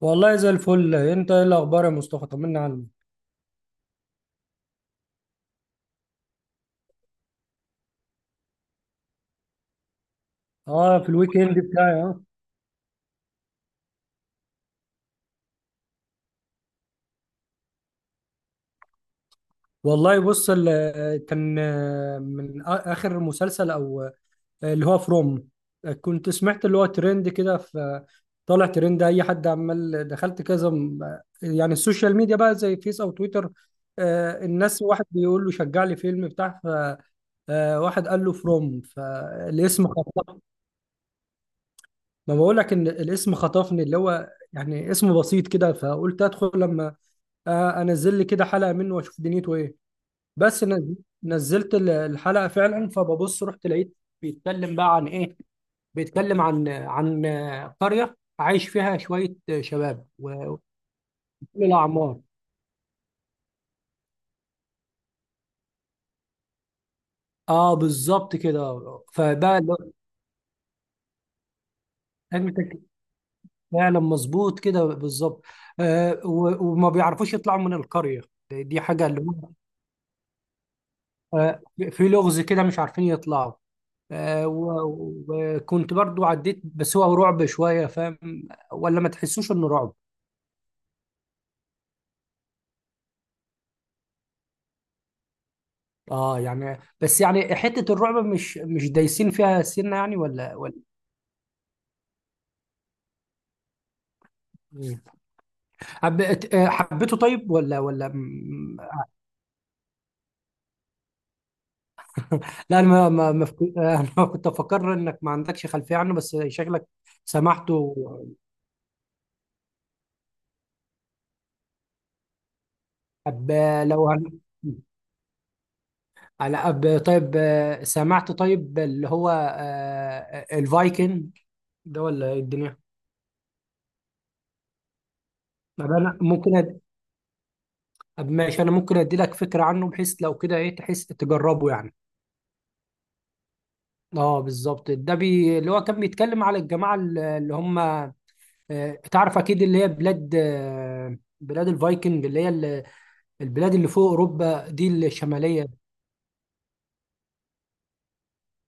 والله زي الفل، انت ايه الاخبار يا مصطفى؟ طمنا عنك. اه، في الويك اند بتاعي اه. والله بص، ال- كان آه، من آ- اخر مسلسل او اللي هو فروم. كنت سمعت اللي هو ترند كده. طالع ترند، اي حد عمال دخلت كذا يعني السوشيال ميديا بقى زي فيس او تويتر. الناس واحد بيقول له شجع لي فيلم بتاع ف آه، واحد قال له فروم، فالاسم خطفني. ما بقول لك ان الاسم خطفني، اللي هو يعني اسم بسيط كده، فقلت ادخل لما انزل لي كده حلقه منه واشوف دنيته ايه. بس نز- نزلت الحلقه فعلا، فببص رحت لقيت بيتكلم بقى عن ايه. بيتكلم عن قريه عايش فيها شويه شباب وكل الاعمار. اه بالظبط كده. فبقى ال- انت ك- فعلا مظبوط كده بالظبط. وما بيعرفوش يطلعوا من القريه، دي حاجه اللي هم، آه في لغز كده مش عارفين يطلعوا. وكنت برضو عديت، بس هو رعب شوية، فاهم؟ ولا ما تحسوش انه رعب؟ اه يعني، بس يعني حتة الرعب مش دايسين فيها سنة يعني، ولا ولا إيه؟ حبيت، حبيته طيب ولا لا انا ما ما ما فك- انا كنت افكر انك ما عندكش خلفية عنه، بس شكلك سمعته. طب لو هن... على أب طيب، سمعت طيب اللي هو الفايكنج ده ولا إيه الدنيا؟ طب انا ممكن طب ماشي، انا ممكن ادي لك فكره عنه، بحيث لو كده ايه تحس تجربه يعني. اه بالظبط. ده بي اللي هو كان بيتكلم على الجماعه اللي هم، آه، تعرف اكيد، اللي هي بلاد، آه، بلاد الفايكنج، اللي هي البلاد اللي فوق اوروبا دي الشماليه.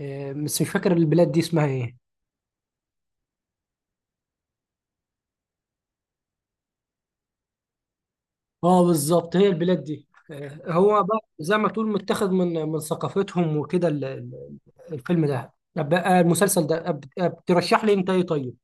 آه، بس مش فاكر البلاد دي اسمها ايه. اه بالظبط، هي البلاد دي آه، هو بقى زي ما تقول متاخد من ثقافتهم وكده. الفيلم ده، طب بقى المسلسل ده ترشح لي انت ايه طيب؟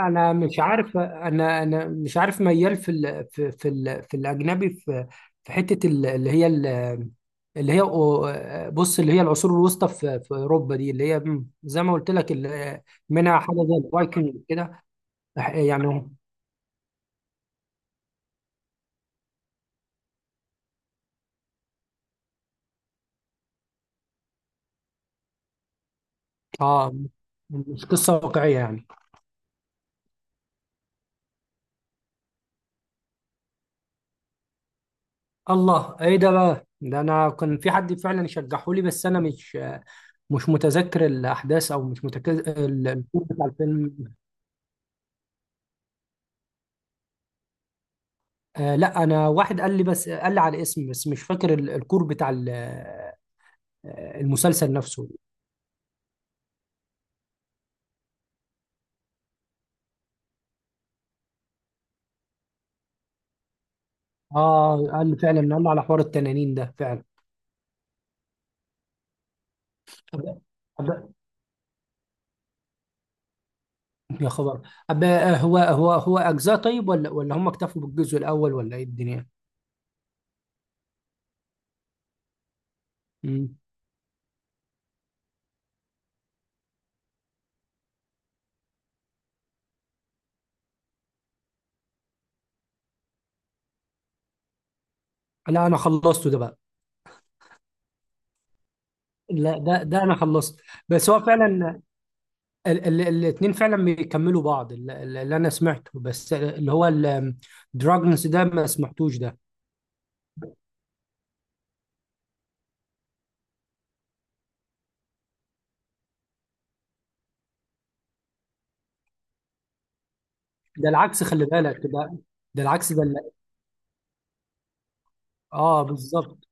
انا مش عارف، انا مش عارف، ميال في ال في في ال في الاجنبي، في في حته اللي هي بص، اللي هي العصور الوسطى في في اوروبا دي، اللي هي زي ما قلت لك منها حاجه زي الفايكنج كده يعني. اه، مش قصه واقعيه يعني. الله، ايه ده بقى؟ ده انا كان في حد فعلا شجحه لي، بس انا مش متذكر الاحداث، او مش متذكر الكور بتاع الفيلم. آه لا، انا واحد قال لي، بس قال لي على اسم بس، مش فاكر الكور بتاع المسلسل نفسه. اه قال لي فعلا، قال لي على حوار التنانين ده فعلا. طب- طب- يا خبر. أب آه، هو اجزاء طيب، ولا ولا هم اكتفوا بالجزء الاول ولا ايه الدنيا؟ مم. لا، انا خلصته ده بقى. لا، ده انا خلصت. بس هو فعلا ال ال الاتنين فعلا بيكملوا بعض. اللي انا سمعته بس، اللي هو الدراجونز ده، ما سمعتوش ده. ده العكس، خلي بالك. ده ده العكس ده. اه بالظبط،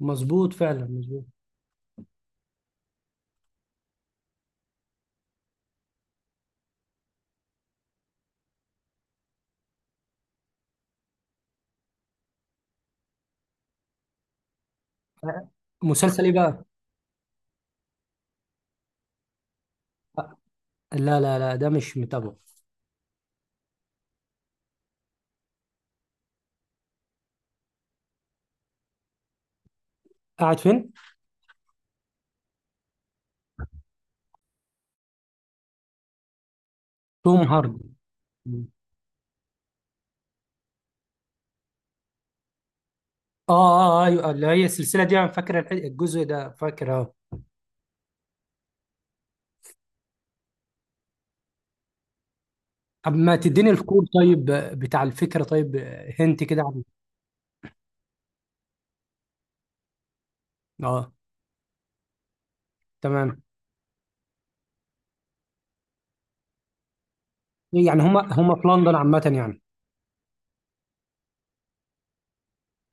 مظبوط فعلا مظبوط. آه، مسلسل ايه بقى؟ آه، لا لا لا، ده مش متابعه. قاعد فين؟ توم هاردي. اه اه، آه، ايوه، اللي هي السلسله دي انا فاكر الجزء ده، فاكر اه. طب ما تديني الكور طيب، بتاع الفكره طيب، هنت كده عنه. اه تمام. يعني هما هما في لندن عامه يعني.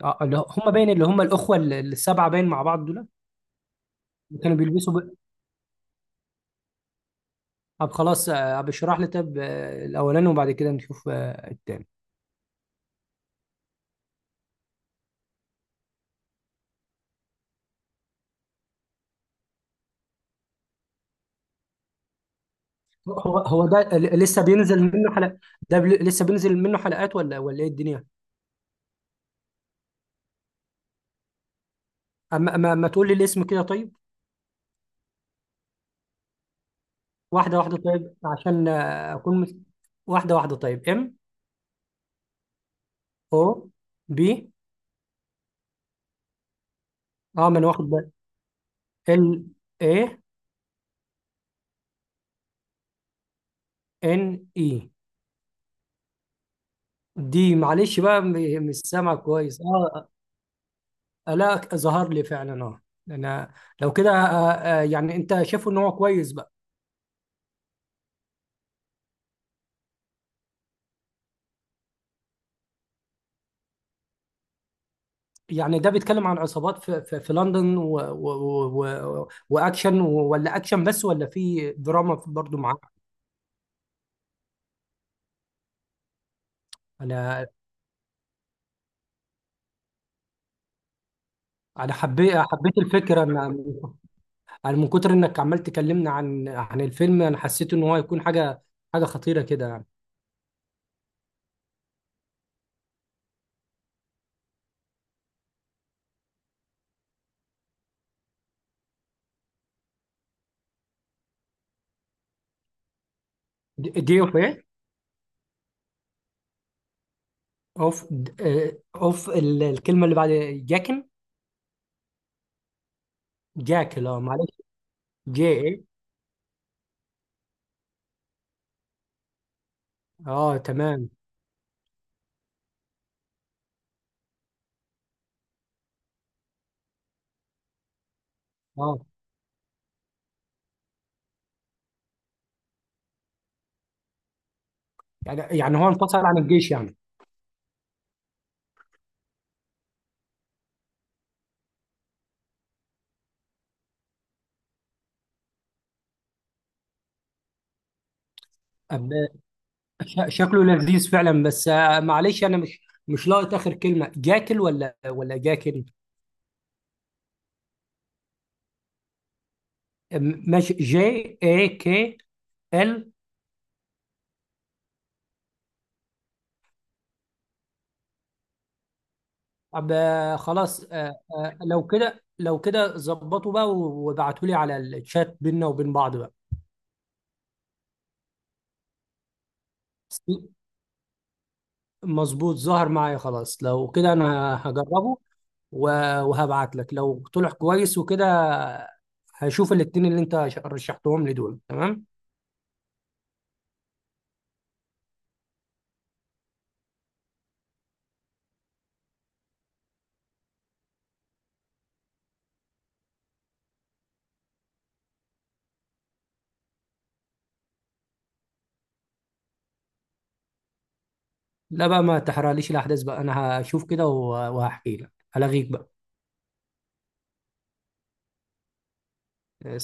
اه، هما باين اللي هما الاخوه السبعه باين مع بعض دول، كانوا بيلبسوا ب... طب خلاص، ابشرح لي طب الاولاني، وبعد كده نشوف التاني. هو ده لسه بينزل منه حلقات؟ ده لسه بينزل منه حلقات، ولا ولا ايه الدنيا؟ اما ما, ما تقول لي الاسم كده طيب. واحده واحده طيب، عشان اكون مس... واحده واحده طيب. ام او بي. اه، ما انا واخد بالي. ال اي ان اي دي. معلش بقى، مش سامع كويس اه. آه، لا ظهر لي فعلا اه. انا لو كده يعني انت شايفه ان هو كويس بقى؟ يعني ده بيتكلم عن عصابات في لندن، و و ولا اكشن بس، ولا في دراما برضو معاه؟ انا انا حبيت، حبيت الفكره ان انا من كتر انك عمال تكلمنا عن الفيلم انا حسيت ان هو هيكون حاجه خطيره كده يعني. دي اوف ايه؟ اوف د- آه، اوف الكلمه اللي بعد جاكن. جاكل، اه معلش. جي ايه. اه تمام. اه، يعني هو انفصل عن الجيش؟ يعني شكله لذيذ فعلا، بس معلش، انا مش لاقط اخر كلمه، جاكل ولا ولا جاكل؟ ماشي، جي اي كي ال. طب خلاص، لو كده لو كده ظبطوا بقى وابعتوا لي على الشات بيننا وبين بعض بقى. مظبوط، ظهر معايا، خلاص. لو كده انا هجربه، وهبعت لك لو طلع كويس وكده. هشوف الاتنين اللي انت رشحتهم لي دول، تمام. لا بقى، ما تحرقليش الأحداث بقى، أنا هشوف كده وهحكي لك، هلغيك بقى.